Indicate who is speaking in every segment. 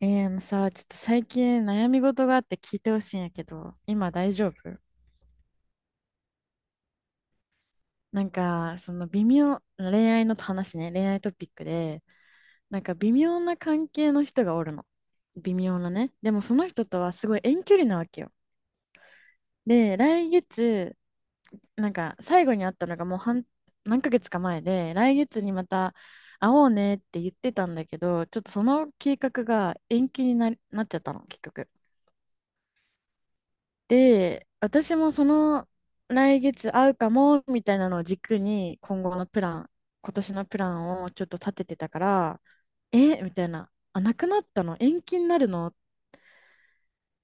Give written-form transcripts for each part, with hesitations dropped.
Speaker 1: あのさ、ちょっと最近悩み事があって聞いてほしいんやけど、今大丈夫？なんか、その微妙、恋愛の話ね、恋愛トピックで、なんか微妙な関係の人がおるの。微妙なね。でもその人とはすごい遠距離なわけよ。で、なんか最後に会ったのがもう何ヶ月か前で、来月にまた会おうねって言ってたんだけど、ちょっとその計画が延期になっちゃったの、結局。で、私もその来月会うかもみたいなのを軸に今年のプランをちょっと立ててたから、えみたいな、あ、なくなったの延期になるの。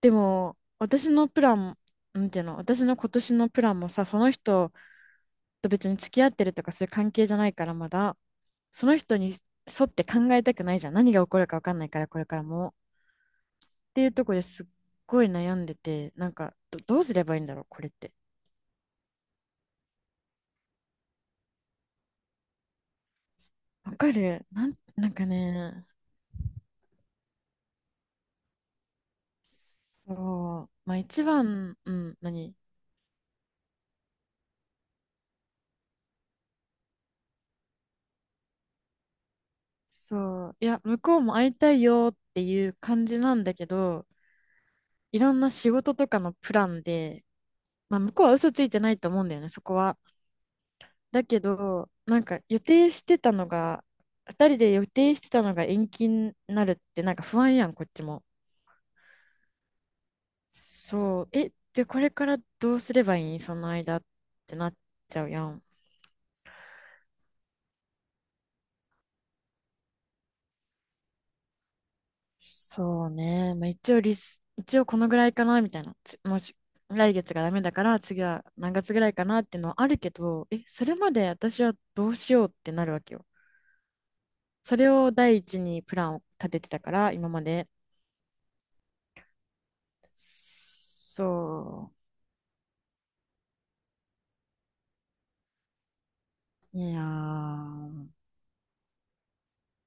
Speaker 1: でも、私のプラン、なんていうの、私の今年のプランもさ、その人と別に付き合ってるとかそういう関係じゃないからまだ、その人に沿って考えたくないじゃん。何が起こるか分かんないから、これからも。っていうところですっごい悩んでて、なんかどうすればいいんだろう、これって。わかる。なんかね、そう、まあ一番、うん、何。そう、いや、向こうも会いたいよっていう感じなんだけど、いろんな仕事とかのプランで、まあ向こうは嘘ついてないと思うんだよね、そこは。だけど、なんか予定してたのが、二人で予定してたのが延期になるってなんか不安やん、こっちも。そう、じゃあこれからどうすればいいその間ってなっちゃうやん。そうね。まあ、一応このぐらいかな、みたいな。もし、来月がダメだから、次は何月ぐらいかなっていうのはあるけど、それまで私はどうしようってなるわけよ。それを第一にプランを立ててたから、今まで。そう。いやー。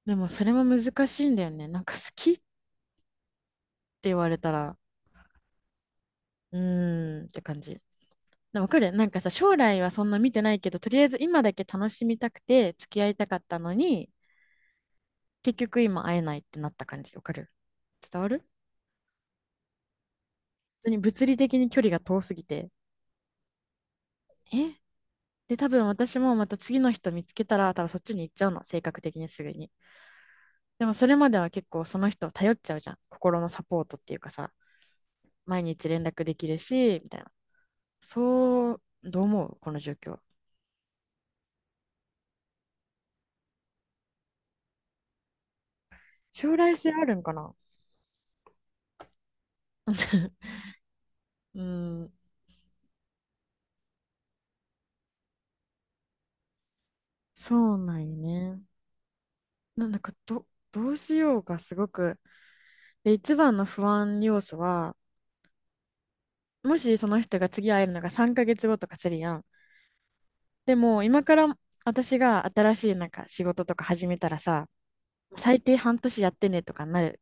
Speaker 1: でも、それも難しいんだよね。なんか好きって言われたら、うーんって感じ。でわかるなんかさ、将来はそんな見てないけど、とりあえず今だけ楽しみたくて付き合いたかったのに、結局今会えないってなった感じ、わかる？伝わる？本当に物理的に距離が遠すぎて。えで、多分私もまた次の人見つけたら、多分そっちに行っちゃうの、性格的にすぐに。でもそれまでは結構その人を頼っちゃうじゃん。心のサポートっていうかさ、毎日連絡できるし、みたいな。そう、どう思うこの状況？将来性あるんかな？ うん、そうなんよね。なんだかどうしようがすごく、で、一番の不安要素は、もしその人が次会えるのが3ヶ月後とかするやん。でも今から私が新しいなんか仕事とか始めたらさ、最低半年やってねとかなる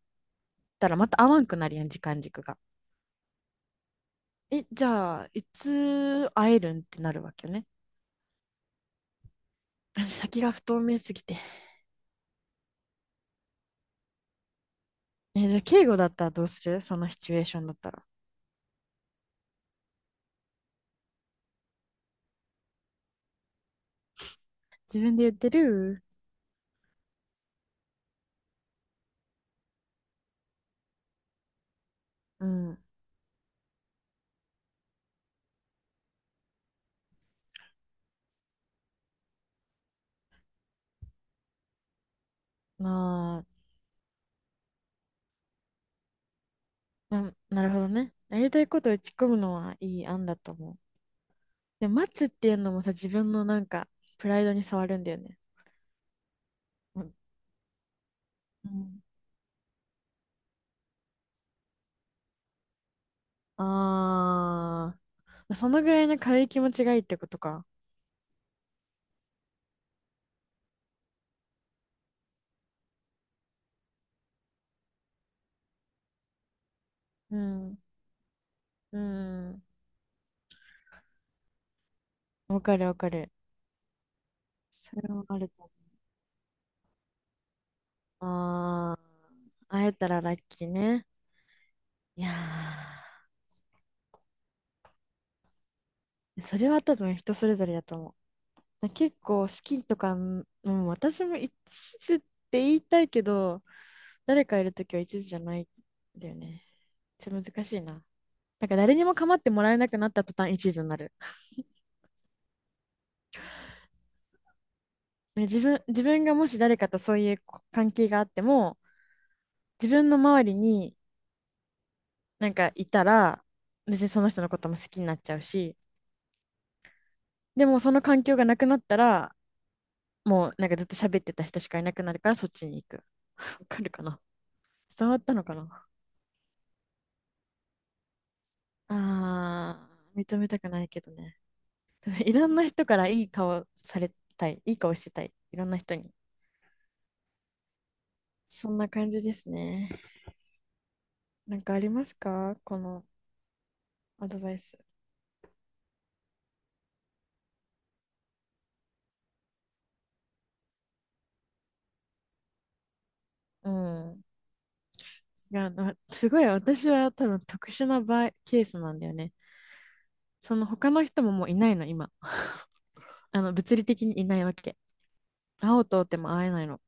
Speaker 1: ったらまた会わんくなるやん、時間軸が。じゃあ、いつ会えるんってなるわけよね。先が不透明すぎて。じゃあ、敬語だったらどうするそのシチュエーションだったら。自分で言ってる。うん。まあ、なるほどね。やりたいことを打ち込むのはいい案だと思う。で、待つっていうのもさ、自分のなんか、プライドに触るんだよね。うんうん、あー、まあ、そのぐらいの軽い気持ちがいいってことか。うん、うん。わかるわかる。それもあると思う。ああ、会えたらラッキーね。いやー、それは多分人それぞれだと思う。結構好きとか、うん、私も一途って言いたいけど、誰かいるときは一途じゃないんだよね。ちょっと難しいな。だから誰にも構ってもらえなくなった途端一途になる。ね、自分がもし誰かとそういう関係があっても、自分の周りになんかいたら、別にその人のことも好きになっちゃうし、でもその環境がなくなったら、もうなんかずっと喋ってた人しかいなくなるからそっちに行く。わかるかな？伝わったのかな？あー、認めたくないけどね。いろんな人からいい顔されたい。いい顔してたい。いろんな人に。そんな感じですね。なんかありますかこのアドバイス？うん。が、なすごい私は多分特殊なケースなんだよね。その他の人ももういないの、今。あの、物理的にいないわけ。会おうと思っても会えないの。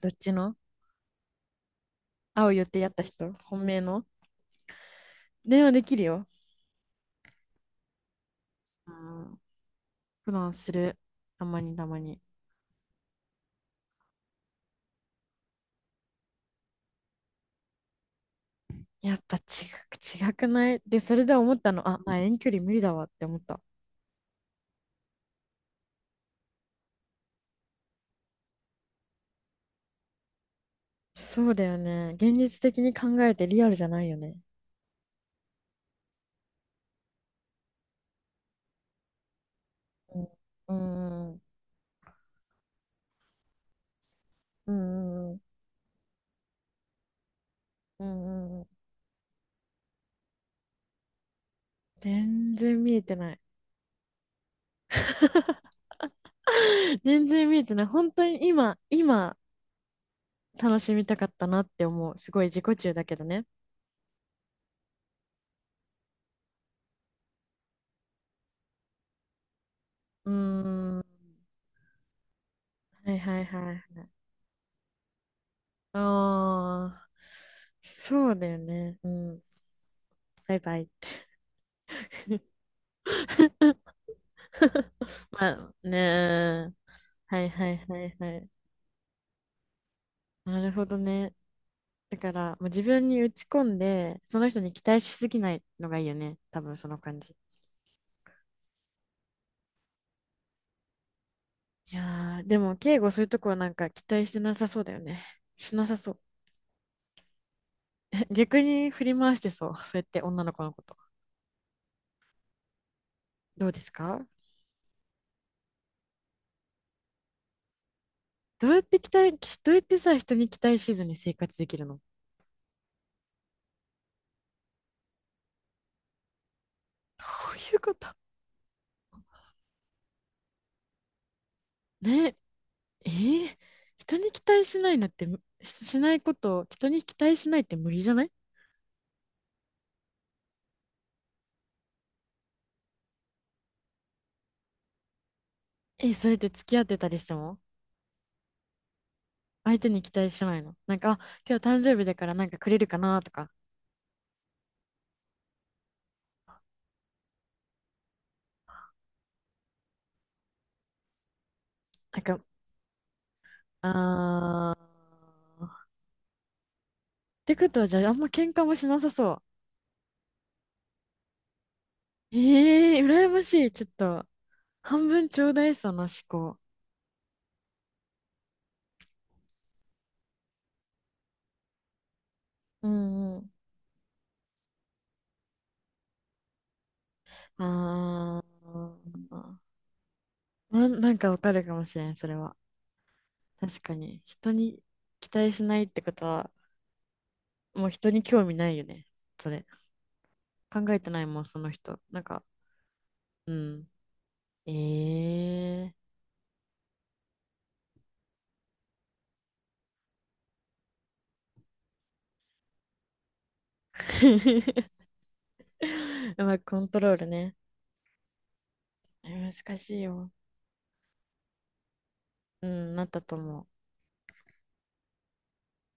Speaker 1: どっちの？会う予定やった人？本命の？電話できるよ。うん。普段する。たまにたまに。やっぱく、違くないで、それで思ったの。あ、まあ遠距離無理だわって思った。そうだよね。現実的に考えてリアルじゃないよね。うん。うん。うん。うん。うん。うんうん、全然見えてない。全然見えてない。本当に今、楽しみたかったなって思う。すごい自己中だけどね。うーん。はいはいはい。ああ、そうだよね。うん。バイバイ。まあねー。はいはいはいはい。なるほどね。だから、もう自分に打ち込んで、その人に期待しすぎないのがいいよね。多分その感じ。いやー、でも、敬語そういうとこはなんか期待してなさそうだよね。しなさそう。逆に振り回してそう。そうやって女の子のこと。どうですか？どうやってさ、人に期待しずに生活できるの？こういうこと。ね。えー、人に期待しないのってしないこと、を人に期待しないって無理じゃない？それって付き合ってたりしても相手に期待しないのなんか、あ、今日誕生日だからなんかくれるかなとか。なんか、あーてことは、じゃあ、あんま喧嘩もしなさそう。ええー、羨ましい。ちょっと、半分ちょうだい、その思考。うんうん。あーなんかわかるかもしれん、それは。確かに。人に期待しないってことは、もう人に興味ないよね。それ。考えてないもん、その人。なんか、うん。ええー。うまくコントロールね。難しいよ。うん、なったと思う。